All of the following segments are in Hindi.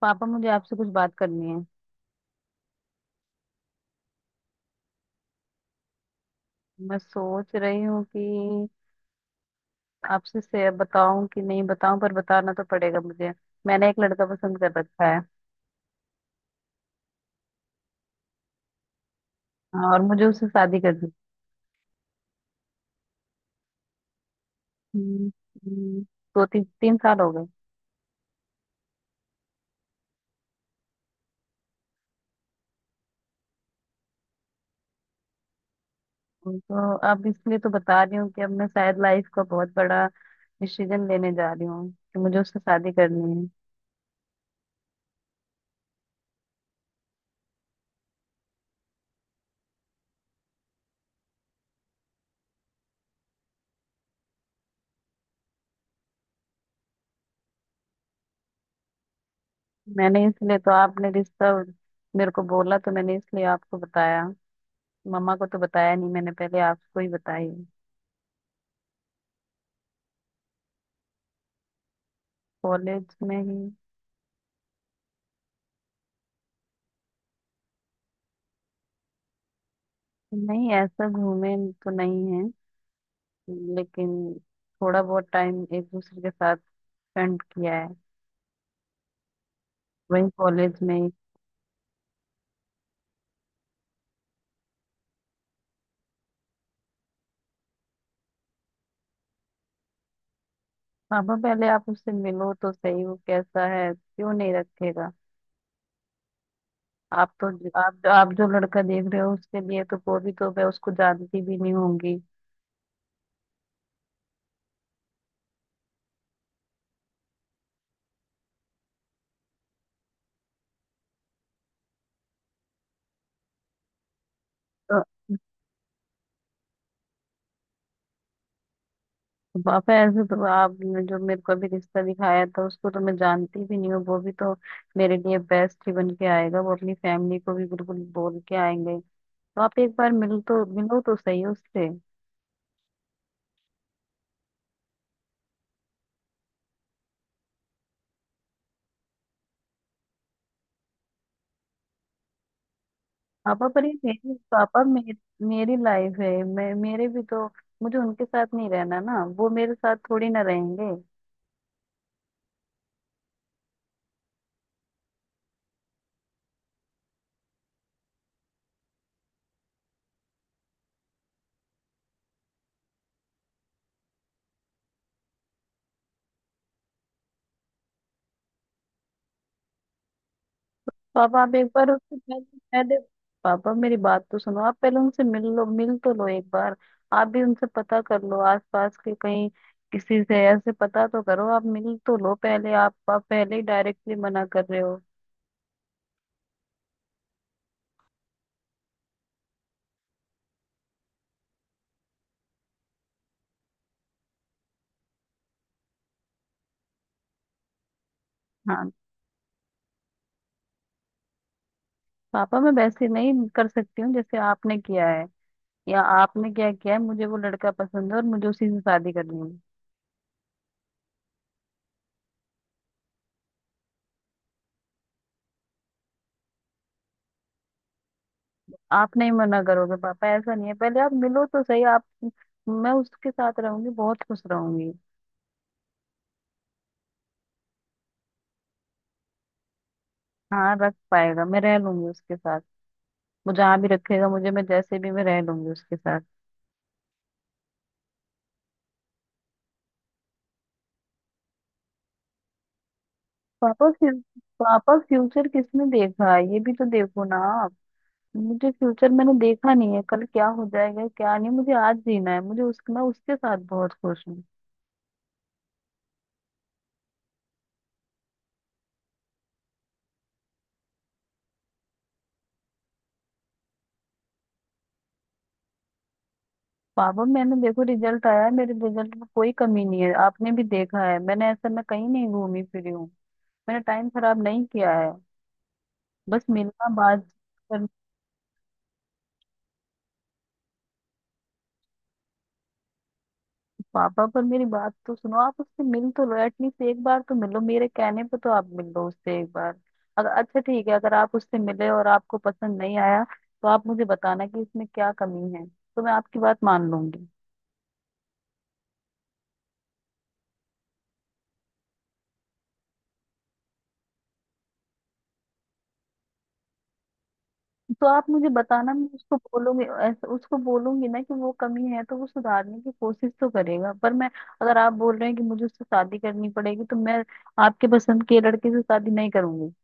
पापा मुझे आपसे कुछ बात करनी है। मैं सोच रही हूँ कि आपसे से बताऊं कि नहीं बताऊं, पर बताना तो पड़ेगा मुझे। मैंने एक लड़का पसंद कर रखा है। हाँ, और मुझे उससे शादी करनी है। हम्म, दो तीन तीन साल हो गए। तो अब इसलिए तो बता रही हूँ कि अब मैं शायद लाइफ का बहुत बड़ा डिसीजन लेने जा रही हूँ कि मुझे उससे शादी करनी है। मैंने इसलिए तो आपने रिश्ता मेरे को बोला तो मैंने इसलिए आपको बताया। मम्मा को तो बताया नहीं, मैंने पहले आपको ही बताई। कॉलेज में ही। नहीं, ऐसा घूमे तो नहीं है, लेकिन थोड़ा बहुत टाइम एक दूसरे के साथ स्पेंड किया है। वही कॉलेज में ही। पापा पहले आप उससे मिलो तो सही, वो कैसा है, क्यों नहीं रखेगा। आप तो आप जो लड़का देख रहे हो उसके लिए तो वो भी तो मैं उसको जानती भी नहीं होंगी। तो पापा ऐसे तो आपने जो मेरे को अभी रिश्ता दिखाया था उसको तो मैं जानती भी नहीं हूँ, वो भी तो मेरे लिए बेस्ट ही बन के आएगा, वो अपनी फैमिली को भी बिल्कुल बोल के आएंगे। तो आप एक बार मिलो तो सही उससे। पापा पर ये मेरी मेरी लाइफ है। मैं मेरे भी तो मुझे उनके साथ नहीं रहना ना, वो मेरे साथ थोड़ी ना रहेंगे। पापा आप एक बार उससे पहले पहले पापा मेरी बात तो सुनो, आप पहले उनसे मिल लो, मिल तो लो एक बार। आप भी उनसे पता कर लो, आसपास के कहीं किसी से ऐसे पता तो करो, आप मिल तो लो पहले। आप पहले ही डायरेक्टली मना कर रहे हो। हाँ, पापा मैं वैसे नहीं कर सकती हूँ जैसे आपने किया है, या आपने क्या किया है। मुझे वो लड़का पसंद है और मुझे उसी से शादी करनी है। आप नहीं मना करोगे पापा, ऐसा नहीं है, पहले आप मिलो तो सही आप। मैं उसके साथ रहूंगी, बहुत खुश रहूंगी। हाँ रख पाएगा, मैं रह लूंगी उसके साथ। वो जहाँ भी रखेगा मुझे, मैं जैसे भी मैं रह लूंगी उसके साथ। पापा फ्यू, पापा फ्यूचर किसने देखा है? ये भी तो देखो ना आप। मुझे फ्यूचर मैंने देखा नहीं है, कल क्या हो जाएगा क्या नहीं, मुझे आज जीना है, मुझे उस मैं उसके साथ बहुत खुश हूँ। पापा मैंने देखो रिजल्ट आया है, मेरे रिजल्ट में कोई कमी नहीं है, आपने भी देखा है, मैंने ऐसा मैं कहीं नहीं घूमी फिरी हूँ, मैंने टाइम खराब नहीं किया है। बस मिलना बात कर। पापा पर मेरी बात तो सुनो, आप उससे मिल तो लो, एटलीस्ट एक बार तो मिलो, मेरे कहने पे तो आप मिल लो उससे एक बार। अगर अच्छा ठीक है, अगर आप उससे मिले और आपको पसंद नहीं आया तो आप मुझे बताना कि इसमें क्या कमी है, तो मैं आपकी बात मान लूंगी। तो आप मुझे बताना, मैं उसको बोलूंगी, ऐसे उसको बोलूंगी ना कि वो कमी है, तो वो सुधारने की कोशिश तो करेगा। पर मैं अगर आप बोल रहे हैं कि मुझे उससे शादी करनी पड़ेगी, तो मैं आपके पसंद के लड़के से शादी नहीं करूंगी।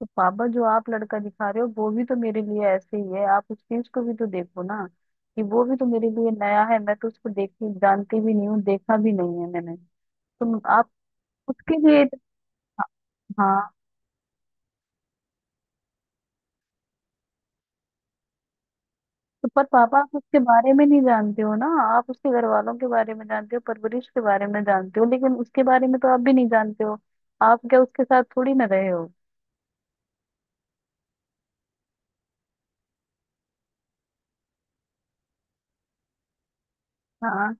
तो पापा जो आप लड़का दिखा रहे हो, वो भी तो मेरे लिए ऐसे ही है, आप उस चीज को भी तो देखो ना कि वो भी तो मेरे लिए नया है, मैं तो उसको देखती जानती भी नहीं हूँ, देखा भी नहीं है मैंने। तो आप उसके लिए। हाँ। तो पर पापा आप उसके बारे में नहीं जानते हो ना, आप उसके घर वालों के बारे में जानते हो, परवरिश के बारे में जानते हो, लेकिन उसके बारे में तो आप भी नहीं जानते हो। आप क्या उसके साथ थोड़ी ना रहे हो। हाँ,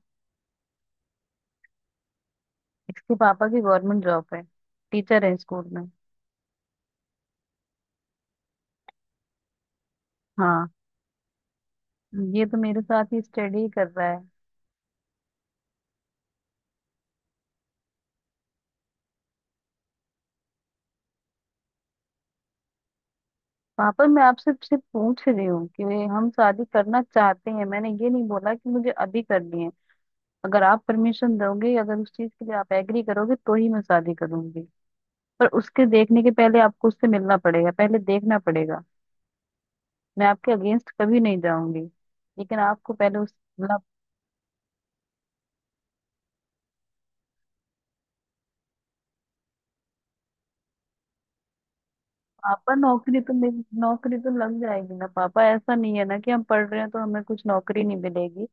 इसके पापा की गवर्नमेंट जॉब है, टीचर है स्कूल में। हाँ, ये तो मेरे साथ ही स्टडी कर रहा है। पापा मैं आपसे सिर्फ पूछ रही हूँ कि हम शादी करना चाहते हैं, मैंने ये नहीं बोला कि मुझे अभी करनी है। अगर आप परमिशन दोगे, अगर उस चीज के लिए आप एग्री करोगे तो ही मैं शादी करूंगी। पर उसके देखने के पहले आपको उससे मिलना पड़ेगा, पहले देखना पड़ेगा। मैं आपके अगेंस्ट कभी नहीं जाऊंगी, लेकिन आपको पहले उस मतलब। पापा नौकरी तो लग जाएगी ना पापा, ऐसा नहीं है ना कि हम पढ़ रहे हैं तो हमें कुछ नौकरी नहीं मिलेगी।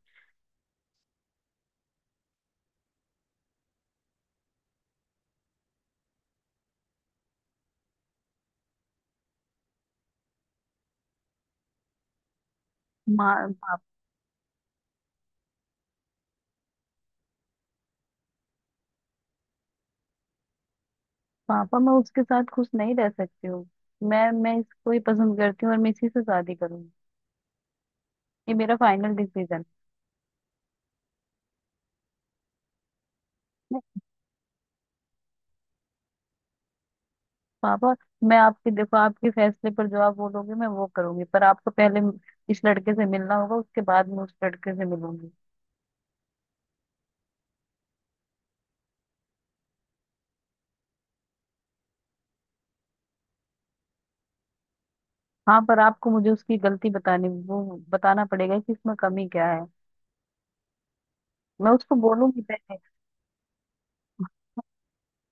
माँ पा, पापा मैं उसके साथ खुश नहीं रह सकती हूँ। मैं इसको ही पसंद करती हूँ और मैं इसी से शादी करूंगी। ये मेरा फाइनल डिसीजन। पापा मैं आपके देखो आपके फैसले पर जो आप बोलोगे मैं वो करूंगी, पर आपको पहले इस लड़के से मिलना होगा, उसके बाद मैं उस लड़के से मिलूंगी। हाँ पर आपको मुझे उसकी गलती बतानी वो बताना पड़ेगा कि इसमें कमी क्या है, मैं उसको बोलूंगी पहले।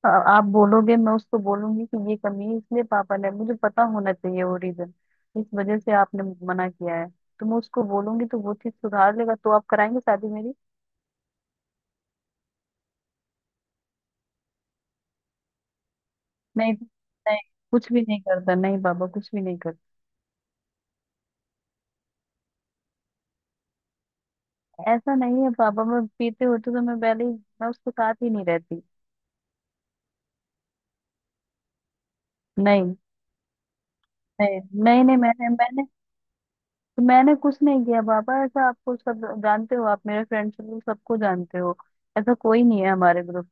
आ- आप बोलोगे मैं उसको बोलूंगी कि ये कमी है, इसलिए पापा ने, मुझे पता होना चाहिए वो रीजन, इस वजह से आपने मना किया है। तो मैं उसको बोलूंगी तो वो चीज सुधार लेगा, तो आप कराएंगे शादी मेरी। नहीं। नहीं, कुछ भी नहीं करता, नहीं पापा कुछ भी नहीं करता। ऐसा नहीं है पापा, मैं पीते होते तो मैं पहले ही मैं उसके साथ ही नहीं रहती। नहीं। नहीं, मैंने मैंने मैंने कुछ नहीं किया पापा, ऐसा आपको सब जानते हो, आप मेरे फ्रेंड्स सबको जानते हो, ऐसा कोई नहीं है हमारे ग्रुप।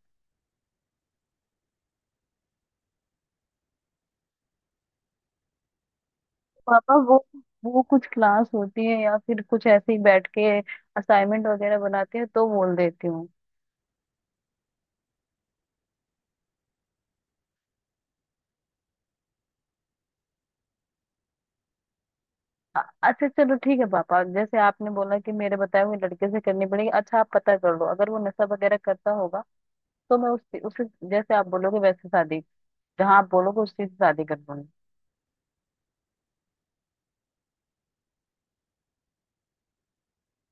पापा वो कुछ क्लास होती है या फिर कुछ ऐसे ही बैठ के असाइनमेंट वगैरह बनाती है तो बोल देती हूँ। अच्छा चलो ठीक है पापा, जैसे आपने बोला कि मेरे बताए हुए लड़के से करनी पड़ेगी, अच्छा आप पता कर लो, अगर वो नशा वगैरह करता होगा तो मैं उससे उसे जैसे आप बोलोगे वैसे शादी, जहाँ आप बोलोगे उसकी शादी कर लूंगी।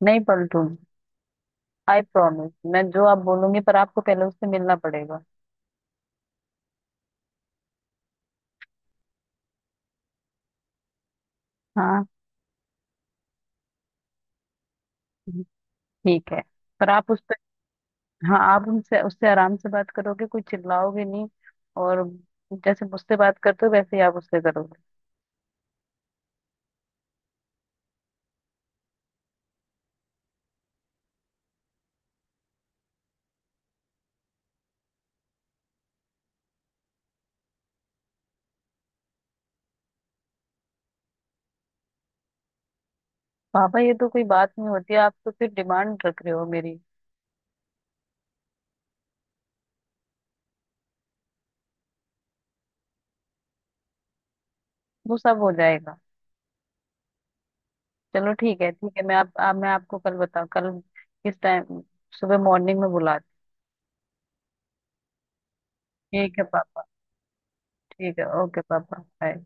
नहीं पलटूंगी, आई प्रॉमिस, मैं जो आप बोलूंगी, पर आपको पहले उससे मिलना पड़ेगा। हाँ, ठीक है, पर आप उस पर। हाँ आप उनसे उससे आराम से बात करोगे, कोई चिल्लाओगे नहीं, और जैसे मुझसे बात करते हो वैसे ही आप उससे करोगे। पापा ये तो कोई बात नहीं होती, आप तो फिर डिमांड रख रहे हो मेरी। वो सब हो जाएगा। चलो ठीक है ठीक है, मैं आप मैं आपको कल बताऊँ। कल किस टाइम, सुबह मॉर्निंग में बुलाती हूँ। ठीक है पापा। ठीक है ओके पापा, बाय।